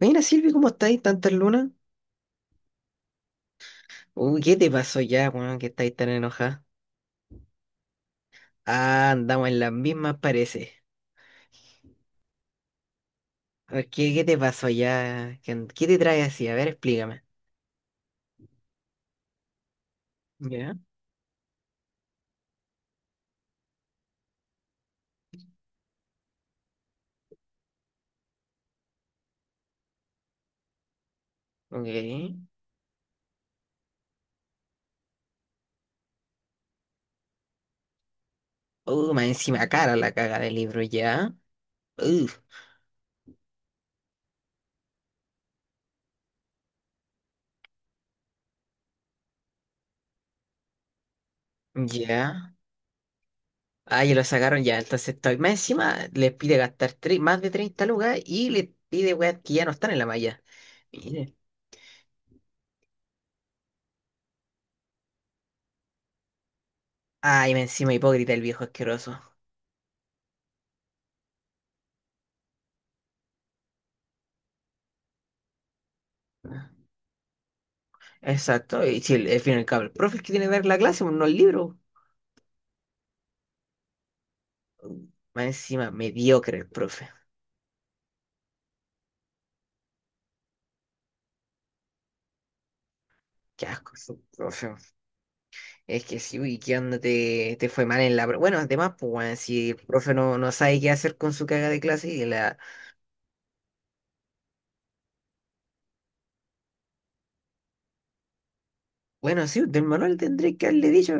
Mira, Silvi, ¿cómo estáis? ¿Tantas lunas? Uy, ¿qué te pasó ya, weón, que estáis tan enojada? Ah, andamos en las mismas, parece. A ver, ¿qué te pasó ya. ¿Qué te trae así. A ver, explícame. ¿Ya? Ok. Más encima cara la caga del libro, ¿ya? Uh, ya. Ah, ya lo sacaron ya, entonces estoy. Más encima les pide gastar más de 30 lucas y les pide, weón, que ya no están en la malla. Mire. Ay, más encima hipócrita el viejo asqueroso. Exacto, y si al fin y al cabo el profe es que tiene que ver la clase, pues, no el libro. Más encima, mediocre el profe. Qué asco ese profe. Es que sí, uy, ¿qué onda te fue mal en la... pro- Bueno, además, pues, weón, si el profe no sabe qué hacer con su caga de clase y la. Bueno, sí, del manual tendré que haberle dicho.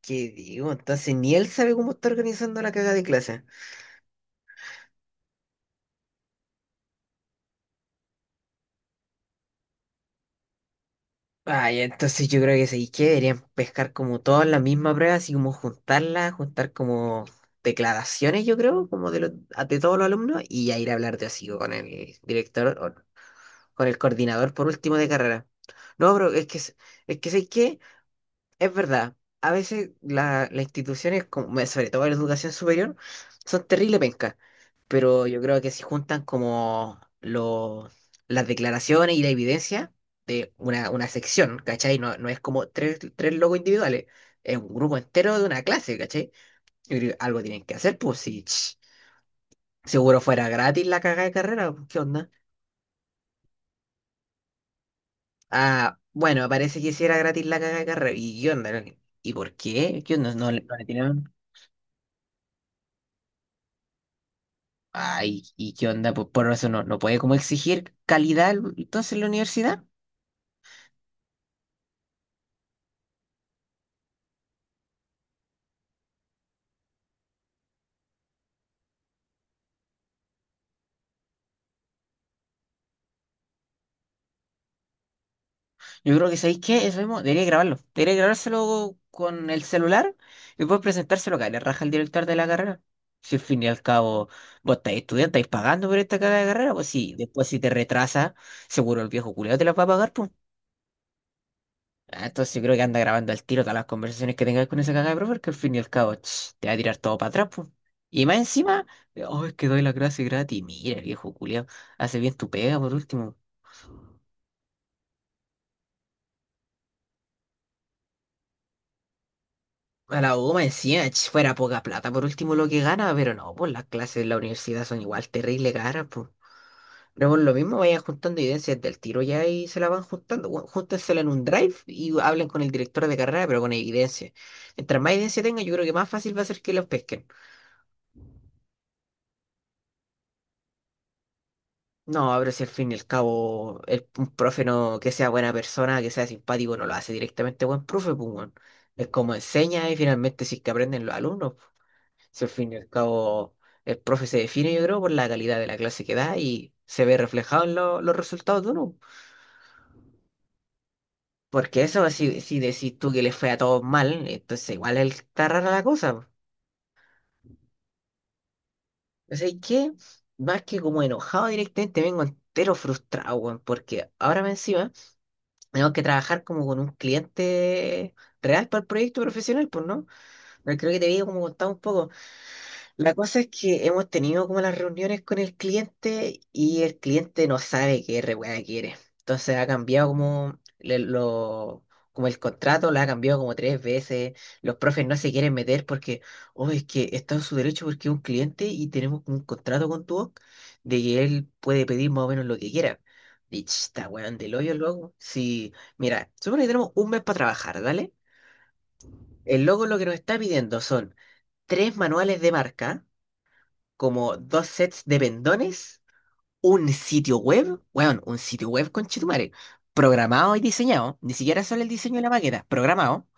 ¿Qué digo? Entonces, ni él sabe cómo está organizando la caga de clase. Ay, entonces yo creo que sí, que deberían pescar como todas la misma prueba, así como juntarla, juntar como declaraciones, yo creo, como de todos los alumnos, y ya ir a hablar de así con el director con el coordinador por último de carrera. No, pero es que, es que sé que es verdad. A veces las instituciones, como, bueno, sobre todo la educación superior, son terrible pencas. Pero yo creo que si juntan como las declaraciones y la evidencia de una sección, ¿cachai? No, no es como tres logos individuales, es un grupo entero de una clase, ¿cachai? Yo creo que algo tienen que hacer, pues si seguro fuera gratis la cagada de carrera, pues, ¿qué onda? Ah, bueno, parece que sí era gratis la caga de carrera. ¿Y qué onda? ¿No? ¿Y por qué? ¿Qué onda? ¿No, le no le tiraron? Ay, ¿y qué onda? Pues por eso no puede como exigir calidad entonces la universidad. Yo creo que ¿sabéis qué? Eso mismo, debería grabarlo. Debería grabárselo con el celular y después presentárselo acá. Le raja el director de la carrera. Si al fin y al cabo vos estáis estudiando, estáis pagando por esta caga de carrera, pues sí, después si te retrasa, seguro el viejo culiao te la va a pagar, ¿pues? Ah, entonces yo creo que anda grabando al tiro todas las conversaciones que tengas con esa cagada de profe, porque al fin y al cabo ch, te va a tirar todo para atrás, pues. Y más encima, oh, es que doy la clase gratis. Mira, viejo culiao, hace bien tu pega por último. A la U encima, ch, fuera poca plata por último lo que gana, pero no, pues las clases en la universidad son igual terrible caras, pues. Pero por lo mismo vayan juntando evidencias del tiro ya y se la van juntando. Bueno, júntensela en un drive y hablen con el director de carrera, pero con evidencia. Mientras más evidencia tenga, yo creo que más fácil va a ser que los pesquen. No, pero si al fin y al cabo el, un profe no, que sea buena persona, que sea simpático, no lo hace directamente buen profe, pues, weón. Es como enseña y finalmente si es que aprenden los alumnos, pues. Si al fin y al cabo el profe se define, yo creo, por la calidad de la clase que da y se ve reflejado en los resultados de uno. Porque eso, si, si decís tú que les fue a todos mal, entonces igual es está rara la cosa, pues. O sea, ¿y qué? Más que como enojado directamente, vengo entero frustrado, weón, porque ahora me encima. Tenemos que trabajar como con un cliente real para el proyecto profesional, pues, ¿no? Pero creo que te había como contado un poco. La cosa es que hemos tenido como las reuniones con el cliente y el cliente no sabe qué re weá quiere. Entonces ha cambiado como, como el contrato, lo ha cambiado como tres veces. Los profes no se quieren meter porque, oh, es que está en su derecho porque es un cliente y tenemos un contrato con tu OC de que él puede pedir más o menos lo que quiera. Y ch, está weón del hoyo luego. Si mira, supone que tenemos un mes para trabajar, ¿dale? El logo lo que nos está pidiendo son tres manuales de marca, como dos sets de pendones, un sitio web, weón, un sitio web con Chitumare, programado y diseñado, ni siquiera solo el diseño de la maqueta, programado,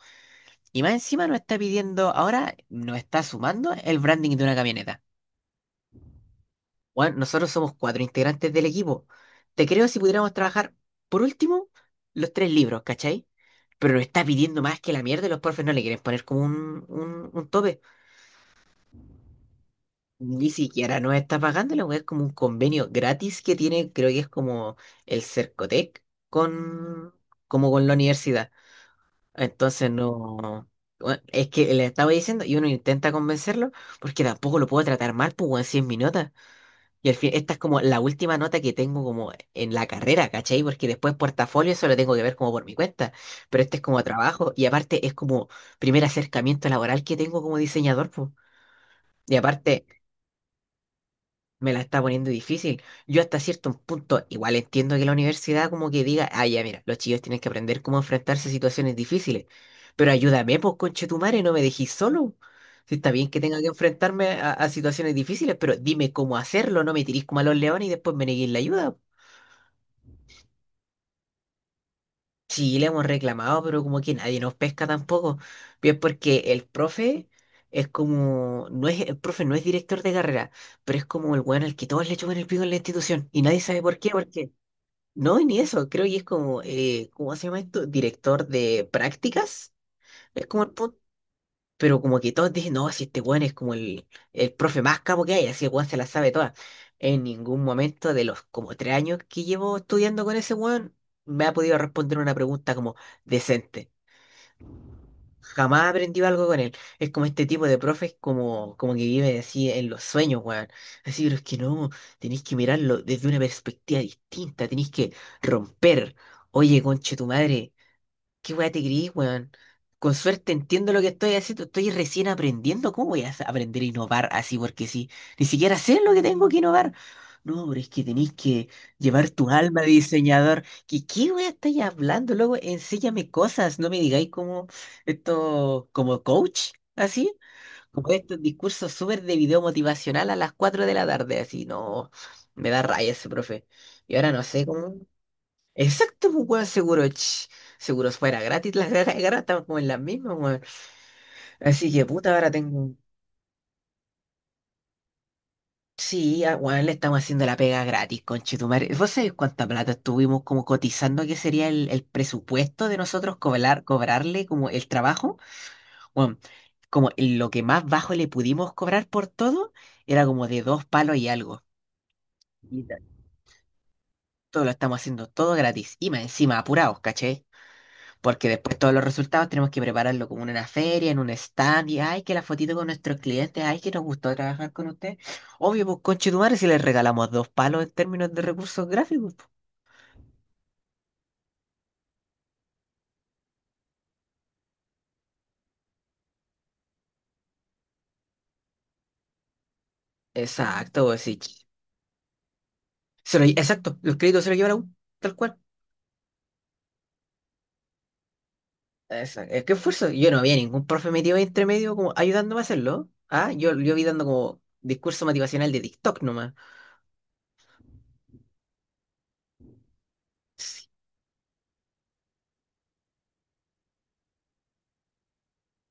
y más encima nos está pidiendo, ahora nos está sumando el branding de una camioneta. Weón, nosotros somos cuatro integrantes del equipo. Te creo si pudiéramos trabajar, por último, los tres libros, ¿cachai? Pero nos está pidiendo más que la mierda y los profes no le quieren poner como un tope. Ni siquiera nos está pagando, la weá es como un convenio gratis que tiene, creo que es como el Cercotec con, como con la universidad. Entonces no, bueno, es que le estaba diciendo y uno intenta convencerlo porque tampoco lo puedo tratar mal, pues weón, si es mi nota. Y al fin, esta es como la última nota que tengo como en la carrera, ¿cachai? Porque después portafolio eso lo tengo que ver como por mi cuenta, pero este es como trabajo y aparte es como primer acercamiento laboral que tengo como diseñador, pues. Y aparte. Me la está poniendo difícil. Yo hasta cierto punto, igual entiendo que la universidad como que diga, ah, ya, mira, los chicos tienen que aprender cómo enfrentarse a situaciones difíciles, pero ayúdame, pues, conchetumare, no me dejís solo. Si está bien que tenga que enfrentarme a, situaciones difíciles, pero dime cómo hacerlo, no me tirís como a los leones y después me neguéis la ayuda. Sí, le hemos reclamado, pero como que nadie nos pesca tampoco. Bien, porque el profe es como, el profe no es director de carrera, pero es como el weón al que todos le chupan el pico en la institución y nadie sabe por qué, porque. No, ni eso, creo que es como, ¿cómo se llama esto? Director de prácticas, es como el punto, pero como que todos dicen, no, si este weón es como el profe más capo que hay, así el weón se la sabe toda. En ningún momento de los como 3 años que llevo estudiando con ese weón, me ha podido responder una pregunta como decente. Jamás aprendí algo con él. Es como este tipo de profes como que vive así en los sueños, weón. Así, pero es que no, tenéis que mirarlo desde una perspectiva distinta, tenéis que romper. Oye, conche tu madre, qué weá te gris, weón. Con suerte entiendo lo que estoy haciendo. Estoy recién aprendiendo. ¿Cómo voy a aprender a innovar así? Porque sí, ni siquiera sé lo que tengo que innovar. No, pero es que tenéis que llevar tu alma de diseñador. ¿Qué weá estáis hablando. Luego enséñame cosas. No me digáis como esto, como coach, así. Como estos discursos súper de video motivacional a las 4 de la tarde, así. No, me da raya ese profe. Y ahora no sé cómo. Exacto, pues, weón, seguro, ch, seguro fuera gratis las ganas de estamos como en las mismas, weón. Así que, puta, ahora tengo. Sí, weón, le estamos haciendo la pega gratis, conchetumare. ¿Vos sabés cuánta plata estuvimos como cotizando que sería el presupuesto de nosotros cobrarle como el trabajo? Weón, como lo que más bajo le pudimos cobrar por todo era como de 2 palos y algo. Y ta- todo lo estamos haciendo todo gratis. Y más encima apurados, ¿caché? Porque después todos los resultados tenemos que prepararlo como en una feria, en un stand, y ay, que la fotito con nuestros clientes, ay, que nos gustó trabajar con usted. Obvio, pues conchetumare si les regalamos 2 palos en términos de recursos gráficos, po. Exacto, pues sí. Exacto, los créditos se los lleva la U, tal cual. Exacto. Es que esfuerzo. Yo no vi a ningún profe metido ahí entre medio como ayudándome a hacerlo. Ah, yo vi dando como discurso motivacional de TikTok nomás. Sí,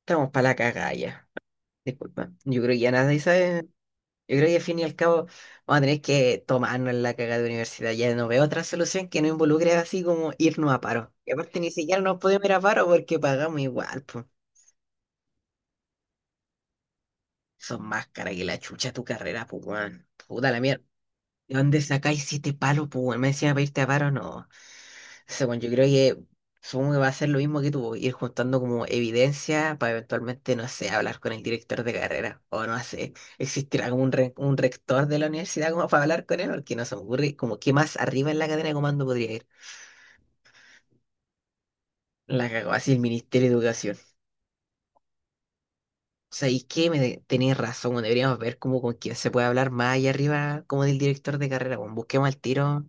estamos para la cagalla. Disculpa. Yo creo que ya nadie sabe. Yo creo que al fin y al cabo vamos a tener que tomarnos la caga de universidad. Ya no veo otra solución que no involucre así como irnos a paro. Y aparte ni siquiera nos podemos ir a paro porque pagamos igual, pues. Son más caras que la chucha tu carrera, pues, weón. Puta la mierda. ¿De dónde sacáis 7 palos, pues, weón? Me decían pedirte a paro, no. Según yo creo que supongo que va a ser lo mismo que tú, ir juntando como evidencia para eventualmente, no sé, hablar con el director de carrera. O no sé, existirá como un rector de la universidad como para hablar con él, porque no se me ocurre como qué más arriba en la cadena de comando podría ir. La cagó así el Ministerio de Educación. ¿Sabéis qué? Tenéis razón, weón, deberíamos ver como con quién se puede hablar más allá arriba como del director de carrera, weón. Busquemos al tiro,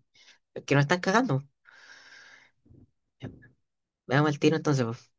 que nos están cagando. Veamos al tiro entonces, pues.